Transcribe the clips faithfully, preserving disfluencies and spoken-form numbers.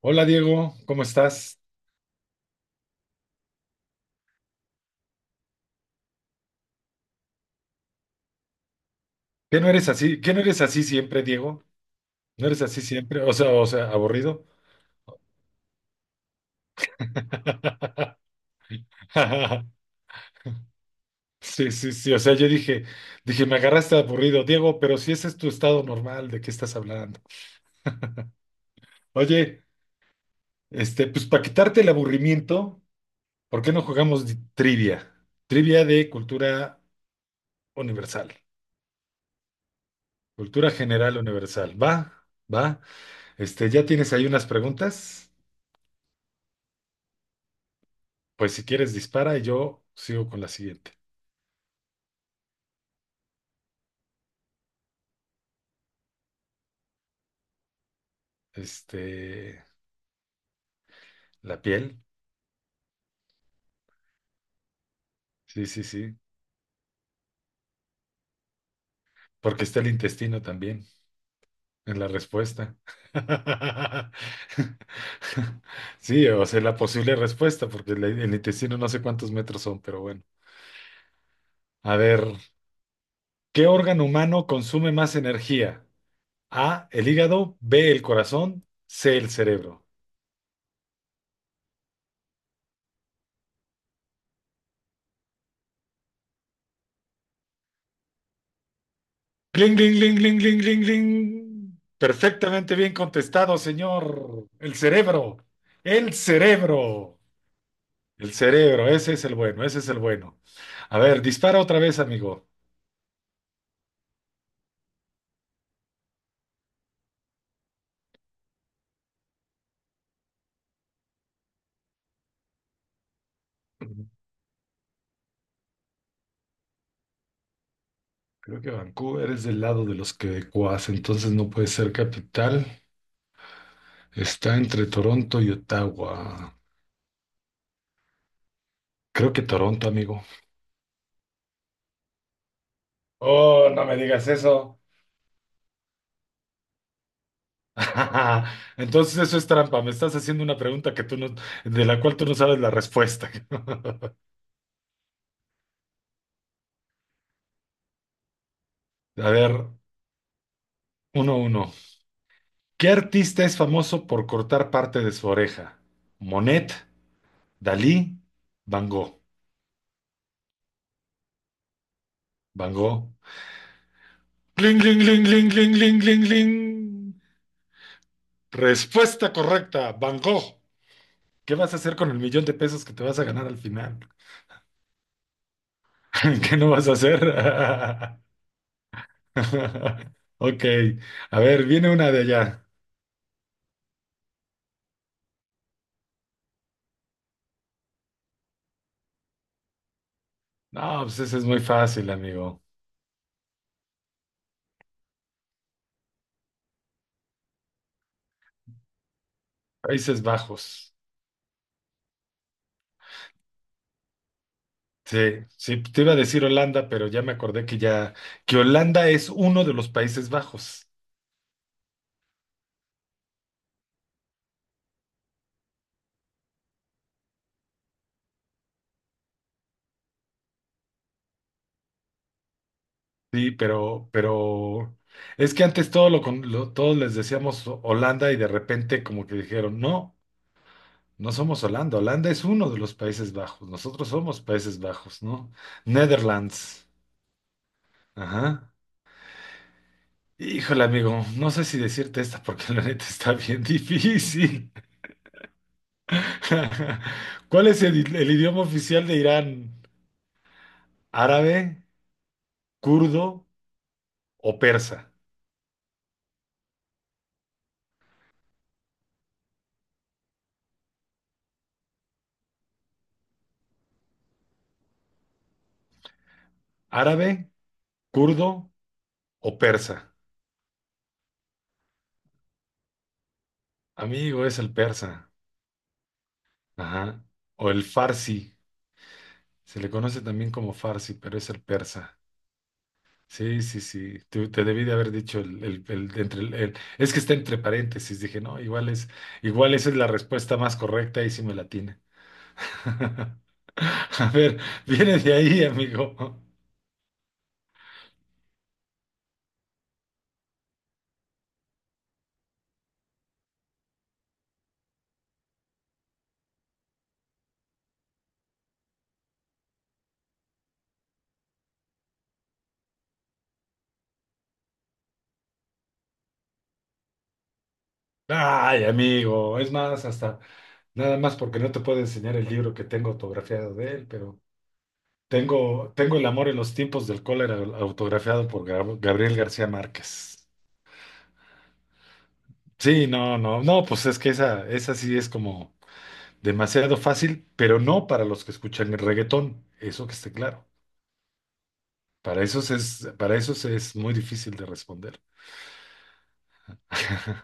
Hola Diego, ¿cómo estás? ¿Qué no eres así? ¿Qué no eres así siempre, Diego? ¿No eres así siempre? O sea, o sea, aburrido. Sí, sí, sí. O sea, yo dije, dije, me agarraste aburrido, Diego, pero si ese es tu estado normal, ¿de qué estás hablando? Oye, este, pues para quitarte el aburrimiento, ¿por qué no jugamos di- trivia? Trivia de cultura universal, cultura general universal. Va, va. Este, ¿ya tienes ahí unas preguntas? Pues si quieres dispara y yo sigo con la siguiente. Este, la piel. Sí, sí, sí. Porque está el intestino también en la respuesta. Sí, o sea, la posible respuesta, porque el, el intestino no sé cuántos metros son, pero bueno. A ver, ¿qué órgano humano consume más energía? A, el hígado; B, el corazón; C, el cerebro. ¡Cling, cling, cling, cling, cling, cling, cling! Perfectamente bien contestado, señor. El cerebro. El cerebro. El cerebro, ese es el bueno, ese es el bueno. A ver, dispara otra vez, amigo. Creo que Vancouver es del lado de los quebecuas, entonces no puede ser capital. Está entre Toronto y Ottawa. Creo que Toronto, amigo. Oh, no me digas eso. Entonces eso es trampa. Me estás haciendo una pregunta que tú no, de la cual tú no sabes la respuesta. A ver, uno a uno. ¿Qué artista es famoso por cortar parte de su oreja? Monet, Dalí, Van Gogh. Van Gogh. ¡Ling, ling, ling, ling, ling, ling, ling, ling! Respuesta correcta, Van Gogh. ¿Qué vas a hacer con el millón de pesos que te vas a ganar al final? ¿Qué no vas a hacer? Ok, a ver, viene una de allá. No, pues esa es muy fácil, amigo. Países Bajos. Sí, sí, te iba a decir Holanda, pero ya me acordé que ya, que Holanda es uno de los Países Bajos. Sí, pero, pero es que antes todo lo, con- lo- todos les decíamos Ho- Holanda, y de repente como que dijeron, no, no somos Holanda, Holanda es uno de los Países Bajos, nosotros somos Países Bajos, ¿no? Netherlands. Ajá. Híjole, amigo, no sé si decirte esta porque la neta está bien difícil. ¿Cuál es el, el idioma oficial de Irán? ¿Árabe, kurdo o persa? ¿Árabe, kurdo o persa? Amigo, es el persa. Ajá. O el farsi. Se le conoce también como farsi, pero es el persa. Sí, sí, sí. Tú- te debí de haber dicho el, el- el- entre el- el- es que está entre paréntesis. Dije, no, igual es, igual esa es la respuesta más correcta y sí me la tiene. A ver, viene de ahí, amigo. Ay, amigo. Es más, hasta nada más porque no te puedo enseñar el libro que tengo autografiado de él, pero tengo, tengo El amor en los tiempos del cólera autografiado por Gab- Gabriel García Márquez. Sí, no, no, no, pues es que esa, esa sí es como demasiado fácil, pero no para los que escuchan el reggaetón, eso que esté claro. Para esos es, para esos es muy difícil de responder.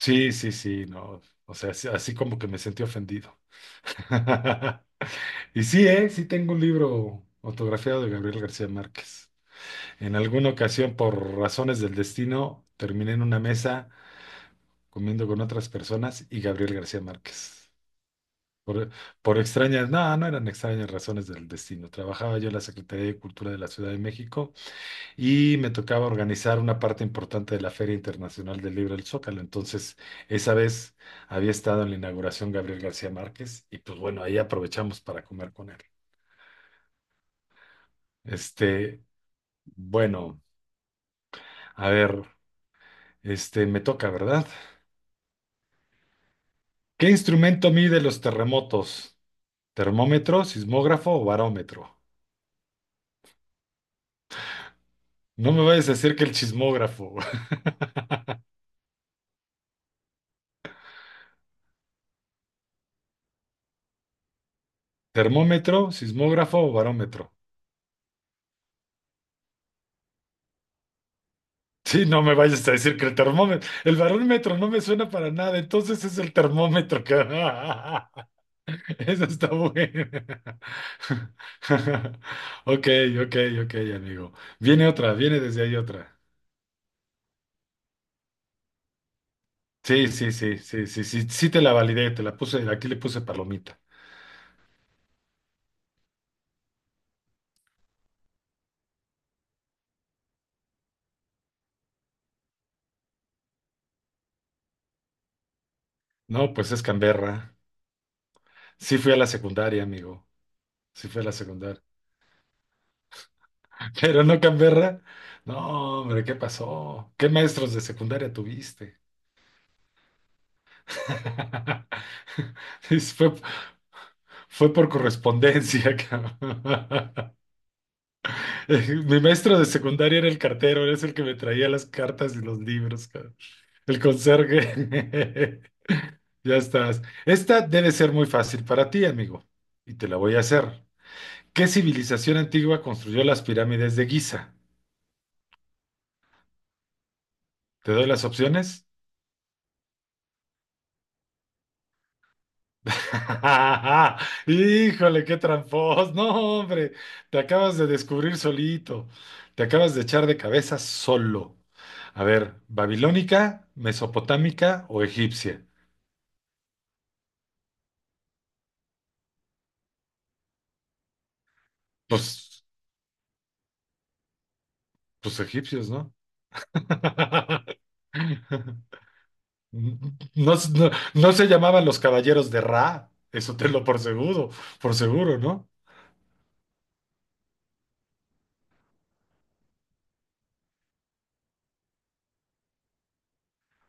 Sí, sí, sí, no. O sea, así, así como que me sentí ofendido. Y sí, eh, sí tengo un libro autografiado de Gabriel García Márquez. En alguna ocasión, por razones del destino, terminé en una mesa comiendo con otras personas y Gabriel García Márquez. Por, por extrañas, no, no eran extrañas razones del destino. Trabajaba yo en la Secretaría de Cultura de la Ciudad de México y me tocaba organizar una parte importante de la Feria Internacional del Libro del Zócalo. Entonces, esa vez había estado en la inauguración Gabriel García Márquez y pues bueno, ahí aprovechamos para comer con él. Este, bueno, a ver, este, me toca, ¿verdad? ¿Qué instrumento mide los terremotos? ¿Termómetro, sismógrafo o barómetro? No me vayas a decir que el chismógrafo. ¿Termómetro, sismógrafo o barómetro? Sí, no me vayas a decir que el termómetro, el barómetro no me suena para nada, entonces es el termómetro que... Eso está bueno. Ok, ok, ok, amigo. Viene otra, viene desde ahí otra. Sí, sí, sí, sí, sí, sí, sí, te la validé, te la puse, aquí le puse palomita. No, pues es Canberra. Sí fui a la secundaria, amigo. Sí fui a la secundaria. Pero no Canberra. No, hombre, ¿qué pasó? ¿Qué maestros de secundaria tuviste? Es- Fue, fue por correspondencia, cabrón. Eh, mi maestro de secundaria era el cartero, era el que me traía las cartas y los libros, cabrón. El conserje. Ya estás. Esta debe ser muy fácil para ti, amigo, y te la voy a hacer. ¿Qué civilización antigua construyó las pirámides de Giza? ¿Te doy las opciones? Híjole, qué tramposo. No, hombre, te acabas de descubrir solito. Te acabas de echar de cabeza solo. A ver, ¿babilónica, mesopotámica o egipcia? Pues, pues egipcios, ¿no? No, s- no- no se llamaban los caballeros de Ra, eso te lo por seguro, por seguro, ¿no?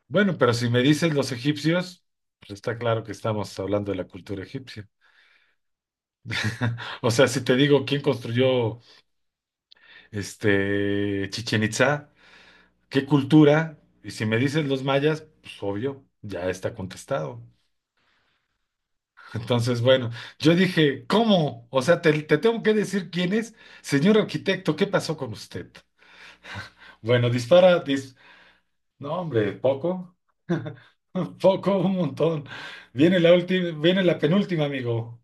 Bueno, pero si me dices los egipcios, pues está claro que estamos hablando de la cultura egipcia. O sea, si te digo quién construyó este Chichén Itzá, qué cultura, y si me dices los mayas, pues obvio, ya está contestado. Entonces, bueno, yo dije, ¿cómo? O sea, te, te tengo que decir quién es, señor arquitecto, ¿qué pasó con usted? Bueno, dispara, dis- no, hombre, poco, poco, un montón. Viene la última, viene la penúltima, amigo.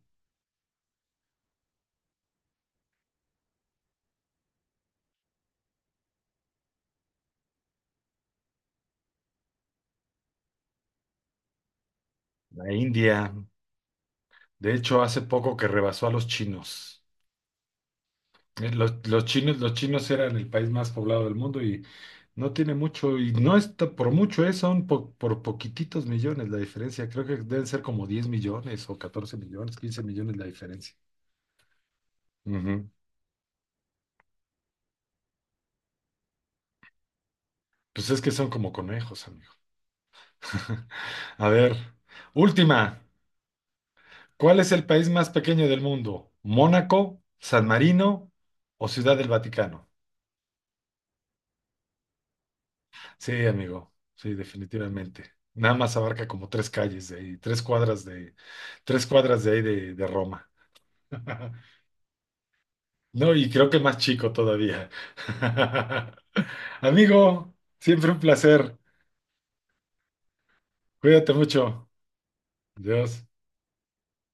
La India, de hecho, hace poco que rebasó a los chinos. Eh, Los, los chinos, los chinos eran el país más poblado del mundo, y no tiene mucho, y no está por mucho, eh, son po- por poquititos millones la diferencia. Creo que deben ser como diez millones o catorce millones, quince millones la diferencia. Ujú. Pues es que son como conejos, amigo. A ver, última. ¿Cuál es el país más pequeño del mundo? ¿Mónaco, San Marino o Ciudad del Vaticano? Sí, amigo, sí, definitivamente. Nada más abarca como tres calles de ahí, tres cuadras de, tres cuadras de ahí de, de Roma. No, y creo que más chico todavía. Amigo, siempre un placer. Cuídate mucho. Dios.